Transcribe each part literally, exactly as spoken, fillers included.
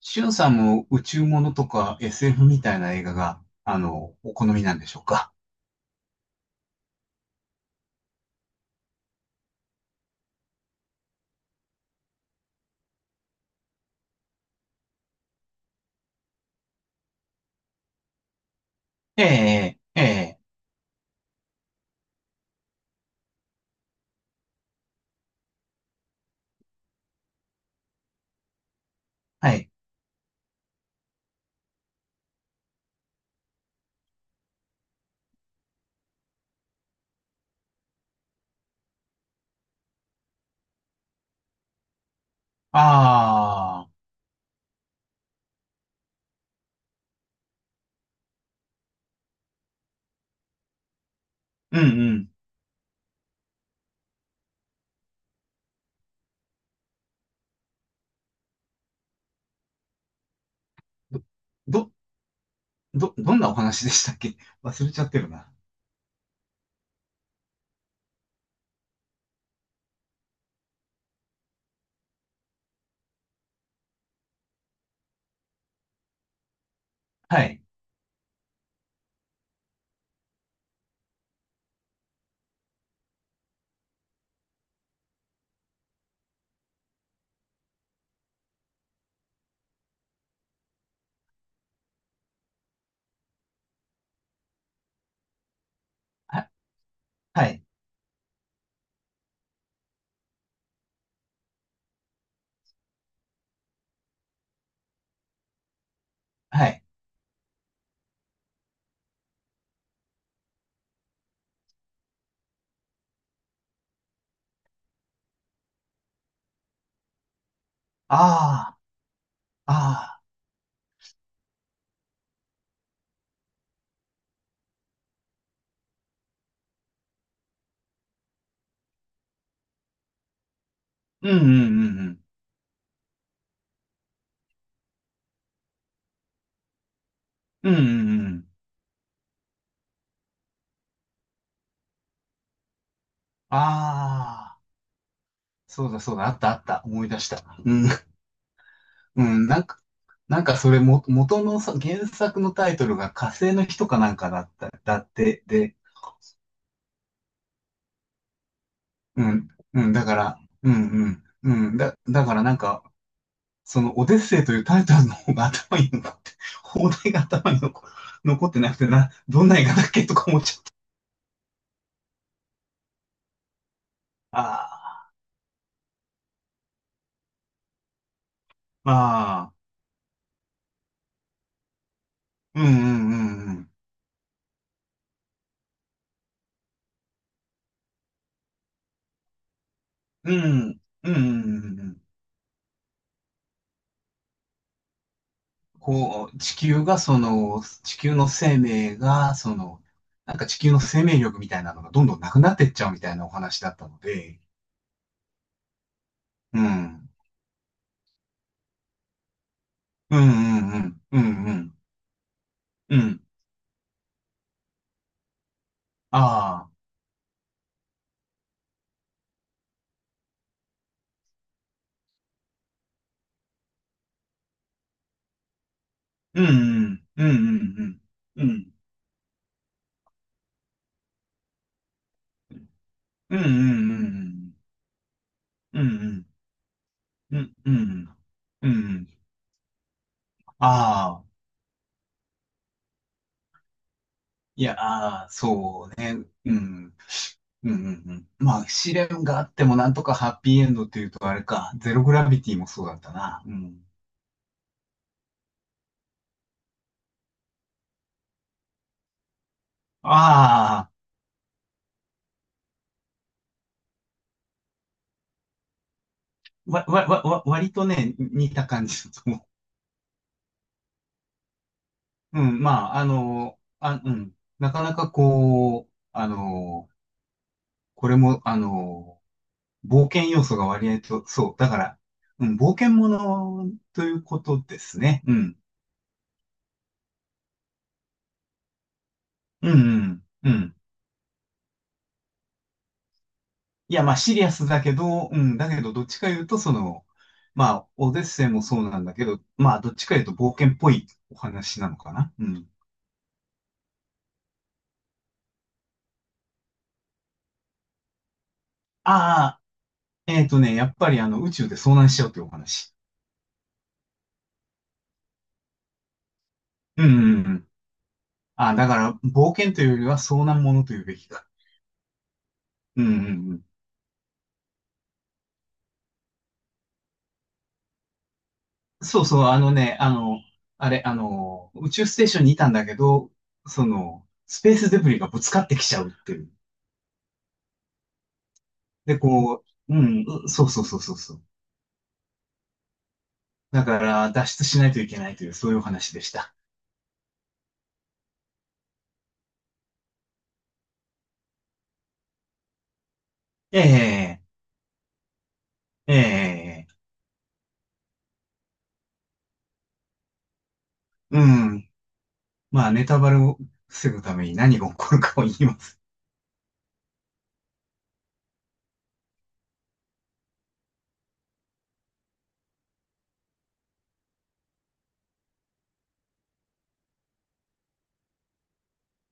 しゅんさんも宇宙ものとか エスエフ みたいな映画が、あの、お好みなんでしょうか？ええ、ええ、はい。ああ、うんうん。ど、ど、どんなお話でしたっけ？忘れちゃってるな。はい。は、はい。はい。ああ、ああ、うんうんうんうん。うんうんうん。ああ、そうだそうだ、あったあった、思い出した。うん、うん、なんか、なんかそれも、元のさ、原作のタイトルが火星の人かなんかだった、だって、うん、うん、だから、うん、うん、うん、だ、だからなんか、そのオデッセイというタイトルの方が頭に残って、放題が頭に残、残ってなくてな、どんな映画だっけとか思っちゃった。ああ、ああ、うん、うん、うん、うん、うん、うん、うんうん、こう、地球がその、地球の生命が、その、なんか地球の生命力みたいなのがどんどんなくなってっちゃうみたいなお話だったので、うん、うん、うん、うん、うん、うん、うん、ああ、うんうん、うんうん、うん、うん、うん、うん、うん、うん、うん、うん、うん、ああ、いや、ああ、そうね、うん、うん、うん、まあ、試練があってもなんとかハッピーエンドっていうとあれか、ゼログラビティもそうだったな、うん。ああ、わ、わ、わ、わ割とね、似た感じだと思う。うん、まあ、あの、あ、うん、なかなかこう、あの、これも、あの、冒険要素が割合と、そう。だから、うん、冒険ものということですね。うん。うん、うん、うん。いや、まあ、シリアスだけど、うん、だけど、どっちか言うと、その、まあ、オデッセイもそうなんだけど、まあ、どっちか言うと冒険っぽいお話なのかな。うん。ああ、えっとね、やっぱりあの、宇宙で遭難しちゃうというお話。うん、うん、うん。ああ、だから、冒険というよりは遭難ものというべきだ。うん、うん、うん。そうそう、あのね、あの、あれ、あの、宇宙ステーションにいたんだけど、その、スペースデブリがぶつかってきちゃうっていう。で、こう、うん、うそうそうそうそうそう。だから、脱出しないといけないという、そういうお話でした。ええ、ええ、うん。まあ、ネタバレを防ぐために何が起こるかを言います。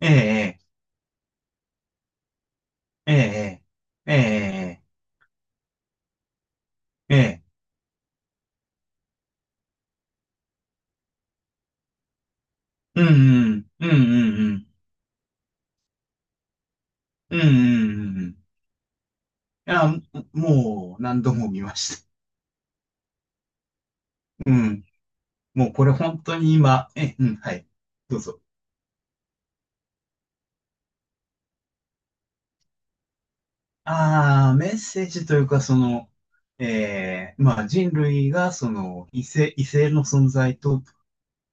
ええ、ええ、ええ、ええ、うん、うん、うん、うん、うん、うん、うん、うん。いや、もう、何度も見ました。うん。もうこれ本当に今、え、うん、はい。どうぞ。ああ、メッセージというか、その、ええ、まあ人類がその異性、異性の存在と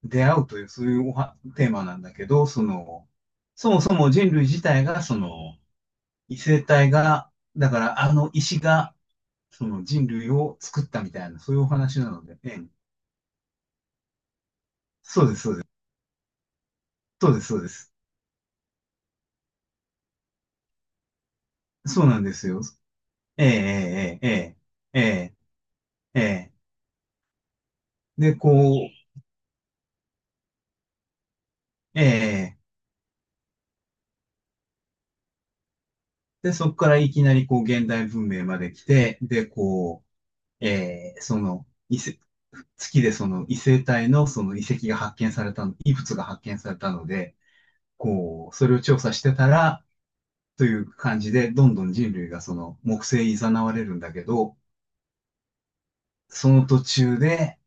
出会うという、そういうおはテーマなんだけど、その、そもそも人類自体が、その、異性体が、だからあの石が、その人類を作ったみたいな、そういうお話なので、ええ、そうです、そうです、そうです、そうです。そうなんですよ。ええ、ええ、ええ、ええ、ええ、で、こう、ええ、で、そこからいきなりこう現代文明まで来て、で、こう、ええ、その、異世月でその異星体のその遺跡が発見されたの、遺物が発見されたので、こう、それを調査してたら、という感じで、どんどん人類がその木星に誘われるんだけど、その途中で、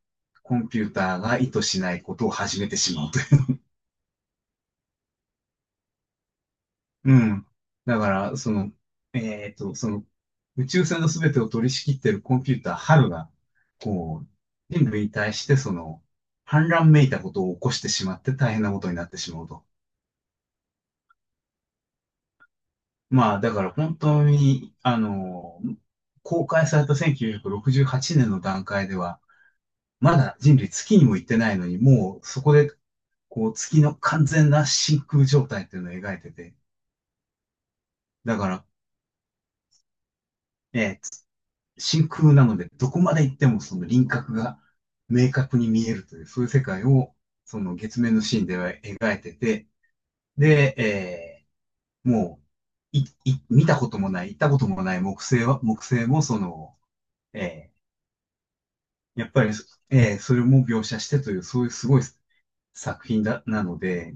コンピューターが意図しないことを始めてしまうと。うん。だから、その、えっと、その、宇宙船の全てを取り仕切ってるコンピューター、ハルが、こう、人類に対して、その、反乱めいたことを起こしてしまって大変なことになってしまうと。まあ、だから本当に、あの、公開されたせんきゅうひゃくろくじゅうはちねんの段階では、まだ人類月にも行ってないのに、もうそこで、こう、月の完全な真空状態っていうのを描いてて、だから、え真空なので、どこまで行ってもその輪郭が明確に見えるという、そういう世界を、その月面のシーンでは描いてて、で、えー、もう、い、い、見たこともない、行ったこともない木星は、木星もその、えー、やっぱり、えー、それも描写してという、そういうすごい作品だ、なので、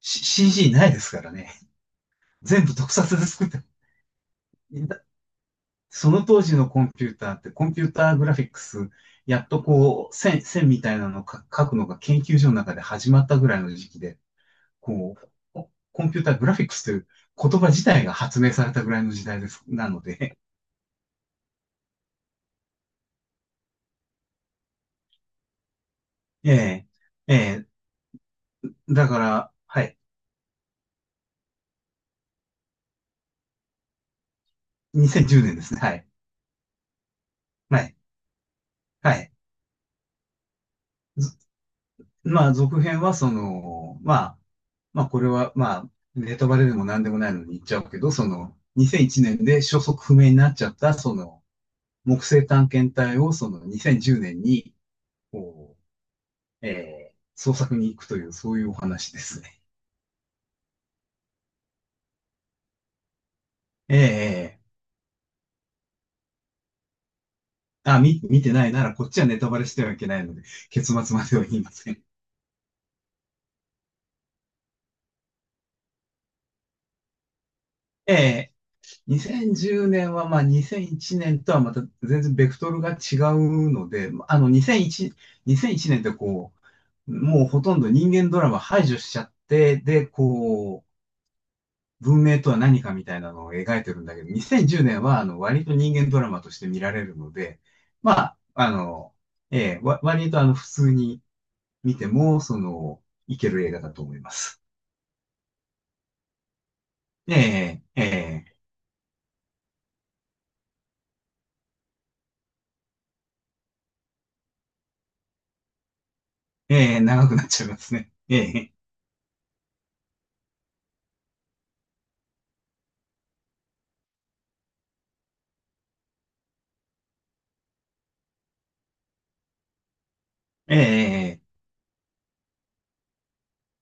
シージー ないですからね。全部特撮で作って、だその当時のコンピューターって、コンピューターグラフィックス、やっとこう、線、線みたいなのをか書くのが研究所の中で始まったぐらいの時期で、こう、ココンピューターグラフィックスという言葉自体が発明されたぐらいの時代です。なので、ええ、ええ、だから、はい、にせんじゅうねんですね。はい、はい、はい。ずまあ、続編はその、まあ、まあ、これは、まあ、ネタバレでも何でもないのに言っちゃうけど、その、にせんいちねんで消息不明になっちゃった、その、木星探検隊をそのにせんじゅうねんに、こう、えー、捜索に行くという、そういうお話ですね。えーあ、み、見てないなら、こっちはネタバレしてはいけないので、結末までは言いません。えにせんじゅうねんは、まあ、にせんいちねんとはまた全然ベクトルが違うので、まあの、にせんいち、にせんいちねんってこう、もうほとんど人間ドラマ排除しちゃって、で、こう、文明とは何かみたいなのを描いてるんだけど、にせんじゅうねんは、あの、割と人間ドラマとして見られるので、まあ、あの、ええ、わ割とあの、普通に見ても、その、いける映画だと思います。ええ、ええ、えー長くなっちゃいますね。えーええ、ええ